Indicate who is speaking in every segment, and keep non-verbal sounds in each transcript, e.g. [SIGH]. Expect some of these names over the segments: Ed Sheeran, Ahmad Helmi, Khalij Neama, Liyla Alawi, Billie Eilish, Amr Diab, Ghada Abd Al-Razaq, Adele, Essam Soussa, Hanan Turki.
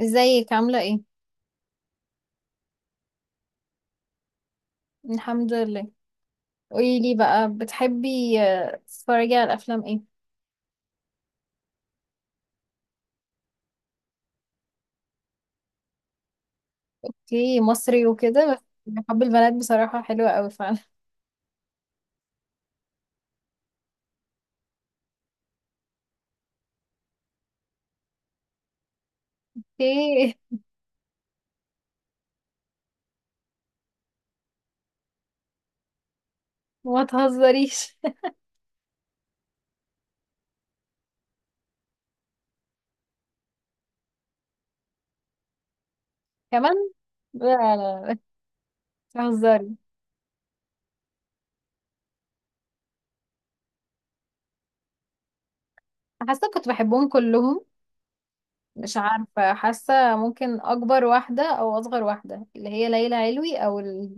Speaker 1: ازيك عاملة ايه؟ الحمد لله. قولي لي بقى بتحبي تتفرجي على الأفلام ايه؟ اوكي، مصري وكده. بس حب البنات بصراحة حلوة قوي فعلا. اوكي. ما تهزريش. [LAUGHS] كمان. لا لا لا، تهزري. حاسة كنت بحبهم كلهم. مش عارفة، حاسة ممكن أكبر واحدة أو أصغر واحدة اللي هي ليلى علوي أو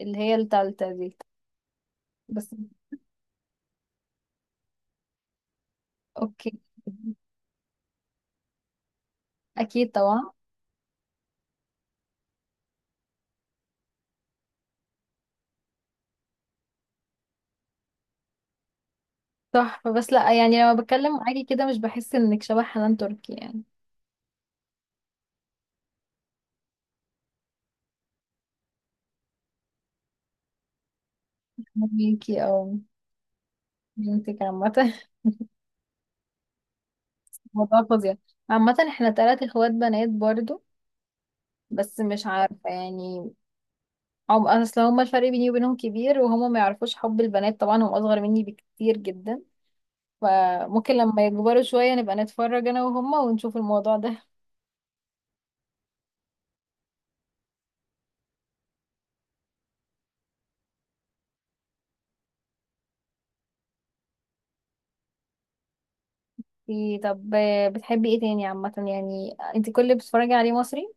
Speaker 1: اللي هي التالتة دي. بس. اوكي. أكيد طبعا. تحفة، بس لا يعني لما بتكلم معاكي كده مش بحس انك شبه حنان تركي يعني. ميكي او. بنتك عامة. [LAUGHS] موضوع فظيع. عامة احنا تلات اخوات بنات برضو. بس مش عارفة يعني. اصل هما الفرق بيني وبينهم كبير وهما ما يعرفوش حب البنات طبعا، هم اصغر مني بكتير جدا. فممكن لما يكبروا شوية نبقى نتفرج انا وهما ونشوف الموضوع ده. إيه طب، بتحبي ايه تاني عامة؟ يعني انت كل اللي بتتفرجي عليه مصري؟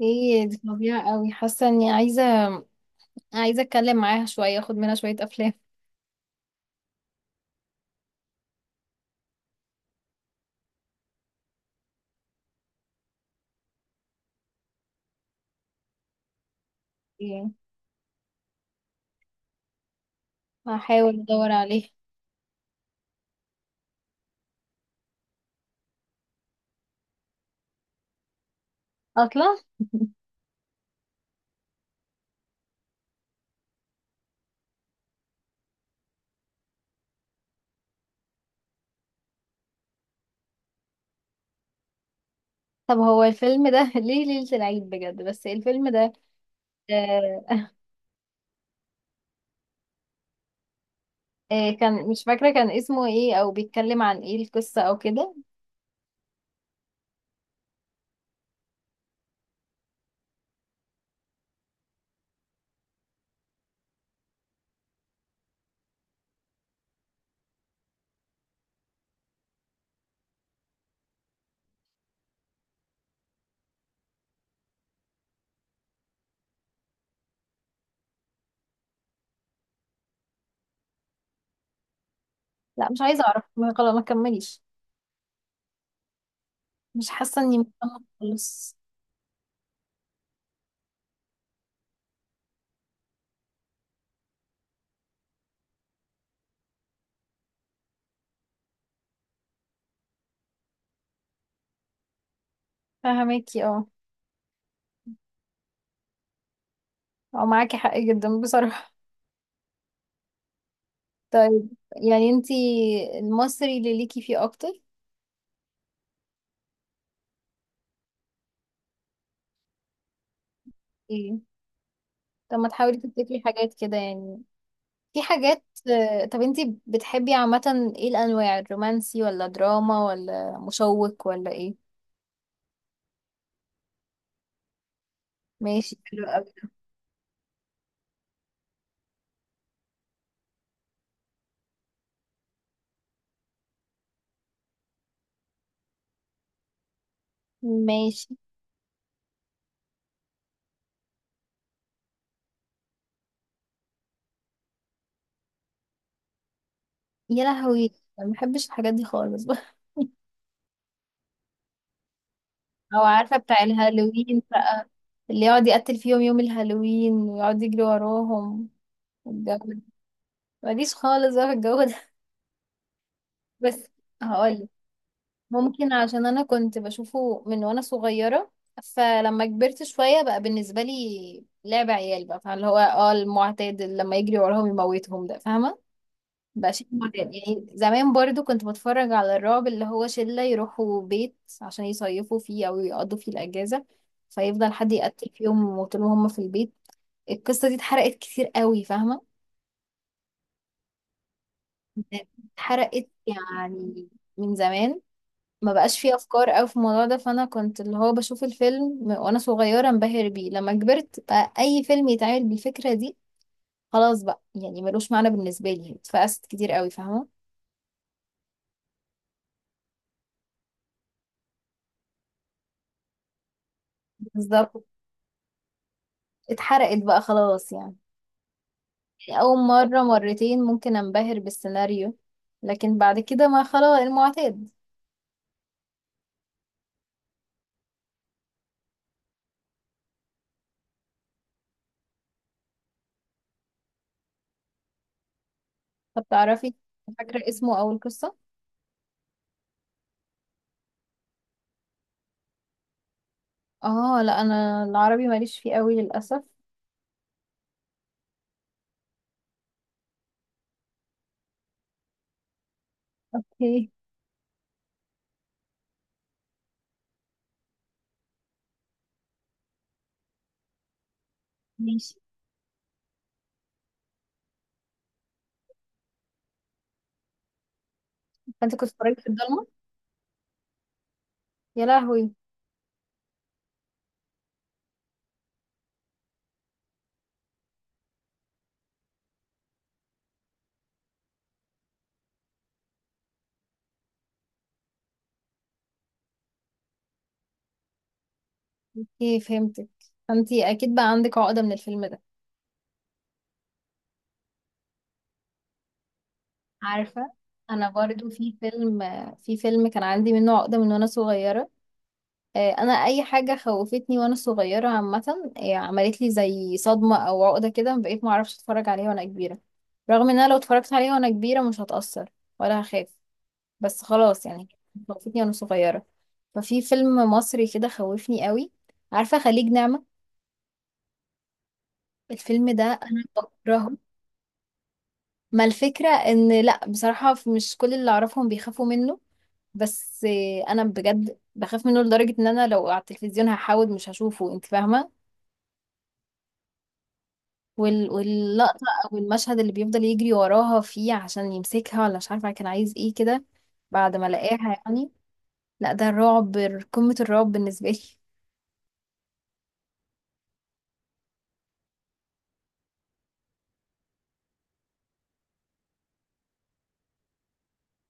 Speaker 1: ايه دي فظيعة قوي، حاسة اني عايزة اتكلم معاها شوية اخد منها شوية افلام. ايه، هحاول ادور عليه. اصلا. طب هو الفيلم ده [LAUGHS] ليه ليلة العيد بجد؟ بس الفيلم ده آه كان مش فاكرة كان اسمه ايه او بيتكلم عن ايه القصة او كده. لا مش عايزة اعرف، ما خلاص ما كمليش. مش حاسة اني مهتمة خالص. فهماكي اه. او معاكي حق جدا بصراحة. [LAUGHS] طيب، يعني انتي المصري اللي ليكي فيه اكتر؟ ايه طب ما تحاولي تفتكري حاجات كده يعني. في حاجات. طب انتي بتحبي عامة ايه، الانواع الرومانسي ولا دراما ولا مشوق ولا ايه؟ ماشي، حلو قوي. ماشي. يا لهوي، ما بحبش الحاجات دي خالص بقى. [LAUGHS] او عارفه بتاع الهالوين بقى، اللي يقعد يقتل فيهم يوم الهالوين ويقعد يجري وراهم والجو ده. ماليش خالص بقى في الجو ده. [LAUGHS] بس هقولك، ممكن عشان انا كنت بشوفه من وانا صغيره، فلما كبرت شويه بقى بالنسبه لي لعب عيال بقى، فاللي هو المعتاد اللي لما يجري وراهم يموتهم ده، فاهمه. بقى شيء معتاد يعني، زمان برضو كنت بتفرج على الرعب اللي هو شلة يروحوا بيت عشان يصيفوا فيه أو يقضوا فيه الأجازة فيفضل حد يقتل فيهم وطول ما هم في البيت. القصة دي اتحرقت كتير قوي، فاهمة. اتحرقت يعني من زمان، ما بقاش فيه أفكار أوي في الموضوع ده، فأنا كنت اللي هو بشوف الفيلم وأنا صغيرة انبهر بيه، لما كبرت بقى أي فيلم يتعمل بالفكرة دي خلاص بقى يعني ملوش معنى بالنسبة لي، اتفقست كتير قوي فاهمة. بالظبط. اتحرقت بقى خلاص يعني. أول مرة مرتين ممكن أنبهر بالسيناريو، لكن بعد كده ما خلاص المعتاد. طب تعرفي، فاكرة اسمه أو القصة؟ اه لا، أنا العربي ماليش فيه قوي للأسف. اوكي. ماشي. فأنت كنت اتفرجت في الضلمة؟ يا لهوي. اوكي فهمتك، فأنت أكيد بقى عندك عقدة من الفيلم ده. عارفة، أنا برضو في فيلم كان عندي منه عقدة من وأنا صغيرة. انا اي حاجه خوفتني وانا صغيره عامه عملت لي زي صدمه او عقده كده، بقيت ما اعرفش اتفرج عليها وانا كبيره. رغم ان انا لو اتفرجت عليها وانا كبيره مش هتاثر ولا هخاف، بس خلاص يعني، خوفتني وانا صغيره. ففي فيلم مصري كده خوفني قوي، عارفه خليج نعمه؟ الفيلم ده انا بكرهه. ما الفكره ان لا بصراحه مش كل اللي اعرفهم بيخافوا منه، بس انا بجد بخاف منه لدرجه ان انا لو على التلفزيون هحاول مش هشوفه، انت فاهمه؟ واللقطة أو المشهد اللي بيفضل يجري وراها فيه عشان يمسكها، ولا مش عارفة كان عايز ايه كده بعد ما لقاها يعني. لا ده الرعب، قمة الرعب بالنسبة لي. [LAUGHS]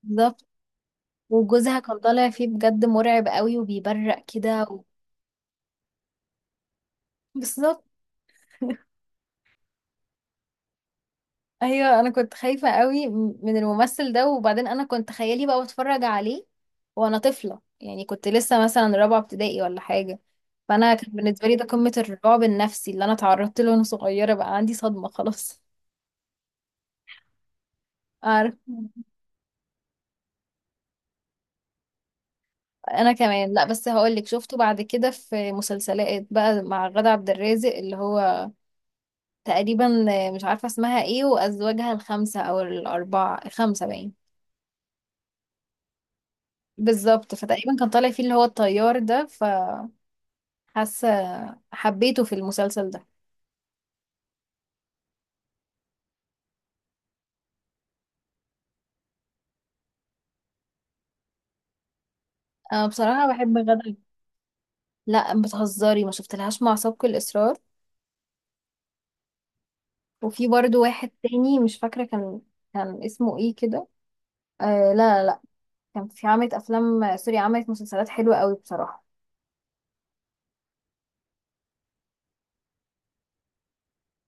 Speaker 1: بالظبط. وجوزها كان طالع فيه بجد مرعب قوي وبيبرق كده. [LAUGHS] بالظبط. ايوه انا كنت خايفة قوي من الممثل ده، وبعدين انا كنت خيالي بقى بتفرج عليه وانا طفلة يعني كنت لسه مثلا رابعة ابتدائي ولا حاجة. فانا كان بالنسبة لي ده قمة الرعب النفسي اللي انا اتعرضت له وانا صغيرة بقى عندي صدمة خلاص. اعرف. انا كمان. لا بس هقولك، شفته بعد كده في مسلسلات بقى مع غادة عبد الرازق اللي هو تقريبا مش عارفه اسمها ايه وازواجها الخمسه او الاربعه الخمسه باين. بالظبط، فتقريبا كان طالع فيه اللي هو الطيار ده فحاسه حبيته في المسلسل ده. انا بصراحه بحب غادة. لا بتهزري، ما شفتلهاش مع سبق الاصرار. وفي برضو واحد تاني مش فاكره كان اسمه ايه كده. لا لا، كان في عملت افلام سوري، عملت مسلسلات حلوه قوي بصراحه.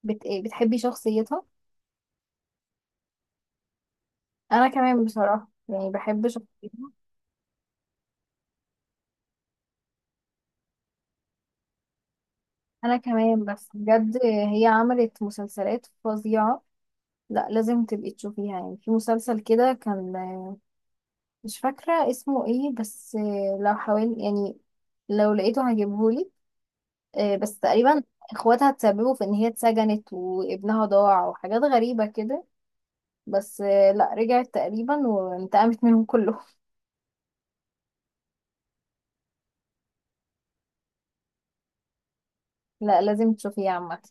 Speaker 1: إيه، بتحبي شخصيتها؟ انا كمان بصراحة يعني بحب شخصيتها. انا كمان، بس بجد هي عملت مسلسلات فظيعة. لا لازم تبقي تشوفيها، يعني في مسلسل كده كان مش فاكرة اسمه ايه، بس لو حاول يعني لو لقيته هجيبهولك. بس تقريبا اخواتها تسببوا في ان هي اتسجنت وابنها ضاع وحاجات غريبة كده، بس لا رجعت تقريبا وانتقمت منهم كلهم. [LAUGHS] لا لازم تشوفيه عامة.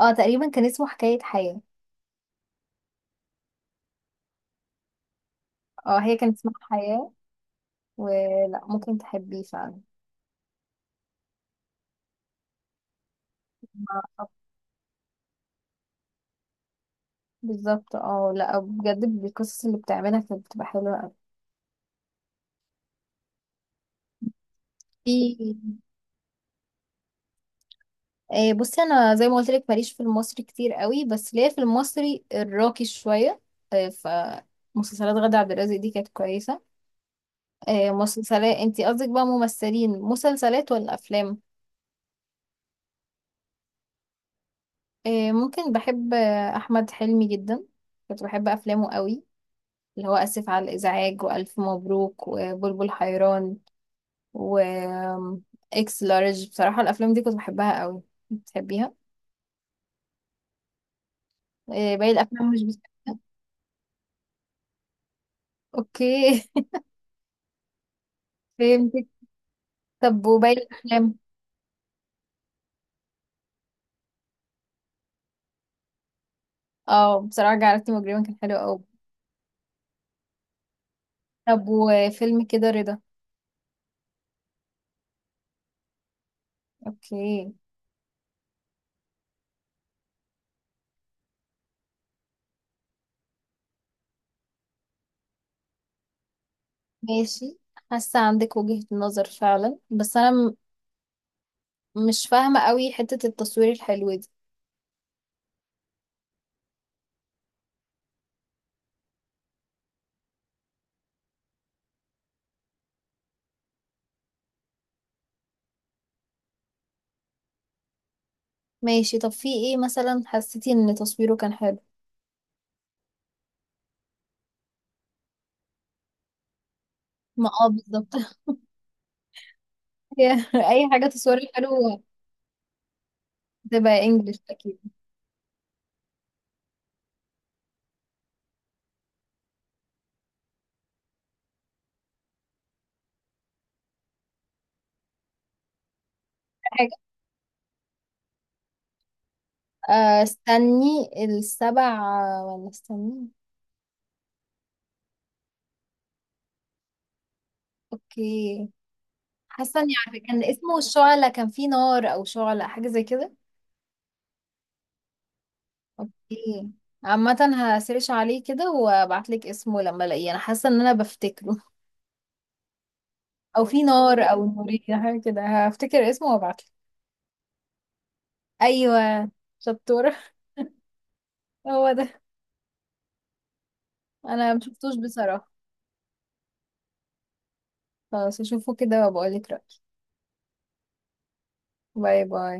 Speaker 1: اه تقريبا كان اسمه حكاية حياة. اه هي كانت اسمها حياة. ولا ممكن تحبيه فعلا. ما- بالظبط. اه لا بجد القصص اللي بتعملها كانت بتبقى حلوة قوي. في بصي انا زي ما قلت لك ماليش في المصري كتير قوي بس ليا في المصري الراقي شوية. آه، ف مسلسلات غادة عبد الرازق دي كانت كويسة. مسلسلات انتي قصدك بقى، ممثلين مسلسلات ولا افلام؟ ممكن بحب احمد حلمي جدا، كنت بحب افلامه قوي، اللي هو اسف على الازعاج والف مبروك وبلبل حيران و اكس لارج. بصراحة الافلام دي كنت بحبها قوي. بتحبيها؟ إيه، باقي الافلام مش بس. اوكي، [LAUGHS] فهمتك. طب وباقي الافلام؟ اه بصراحة جعلتني مجرما كان حلو قوي. طب وفيلم كده رضا؟ اوكي. ماشي. حاسة عندك وجهة نظر فعلا، بس انا مش فاهمة قوي حتة التصوير الحلو دي. ماشي، طب في ايه مثلا حسيتي ان تصويره كان حلو؟ ما بالظبط. [LAUGHS] اي حاجة تصويرها حلو تبقى انجلش اكيد. استني السبع، ولا استني. اوكي، حاسه اني عارفه كان اسمه الشعلة، كان فيه نار او شعلة حاجه زي كده. اوكي عامه، هسيرش عليه كده وابعتلك اسمه لما الاقيه، انا حاسه ان انا بفتكره. او في نار او نورية حاجه كده، هفتكر اسمه وابعتلك. ايوه، شطوره. هو ده. انا مشفتوش بصراحه. خلاص اشوفه كده وبقولك رأيي. باي باي.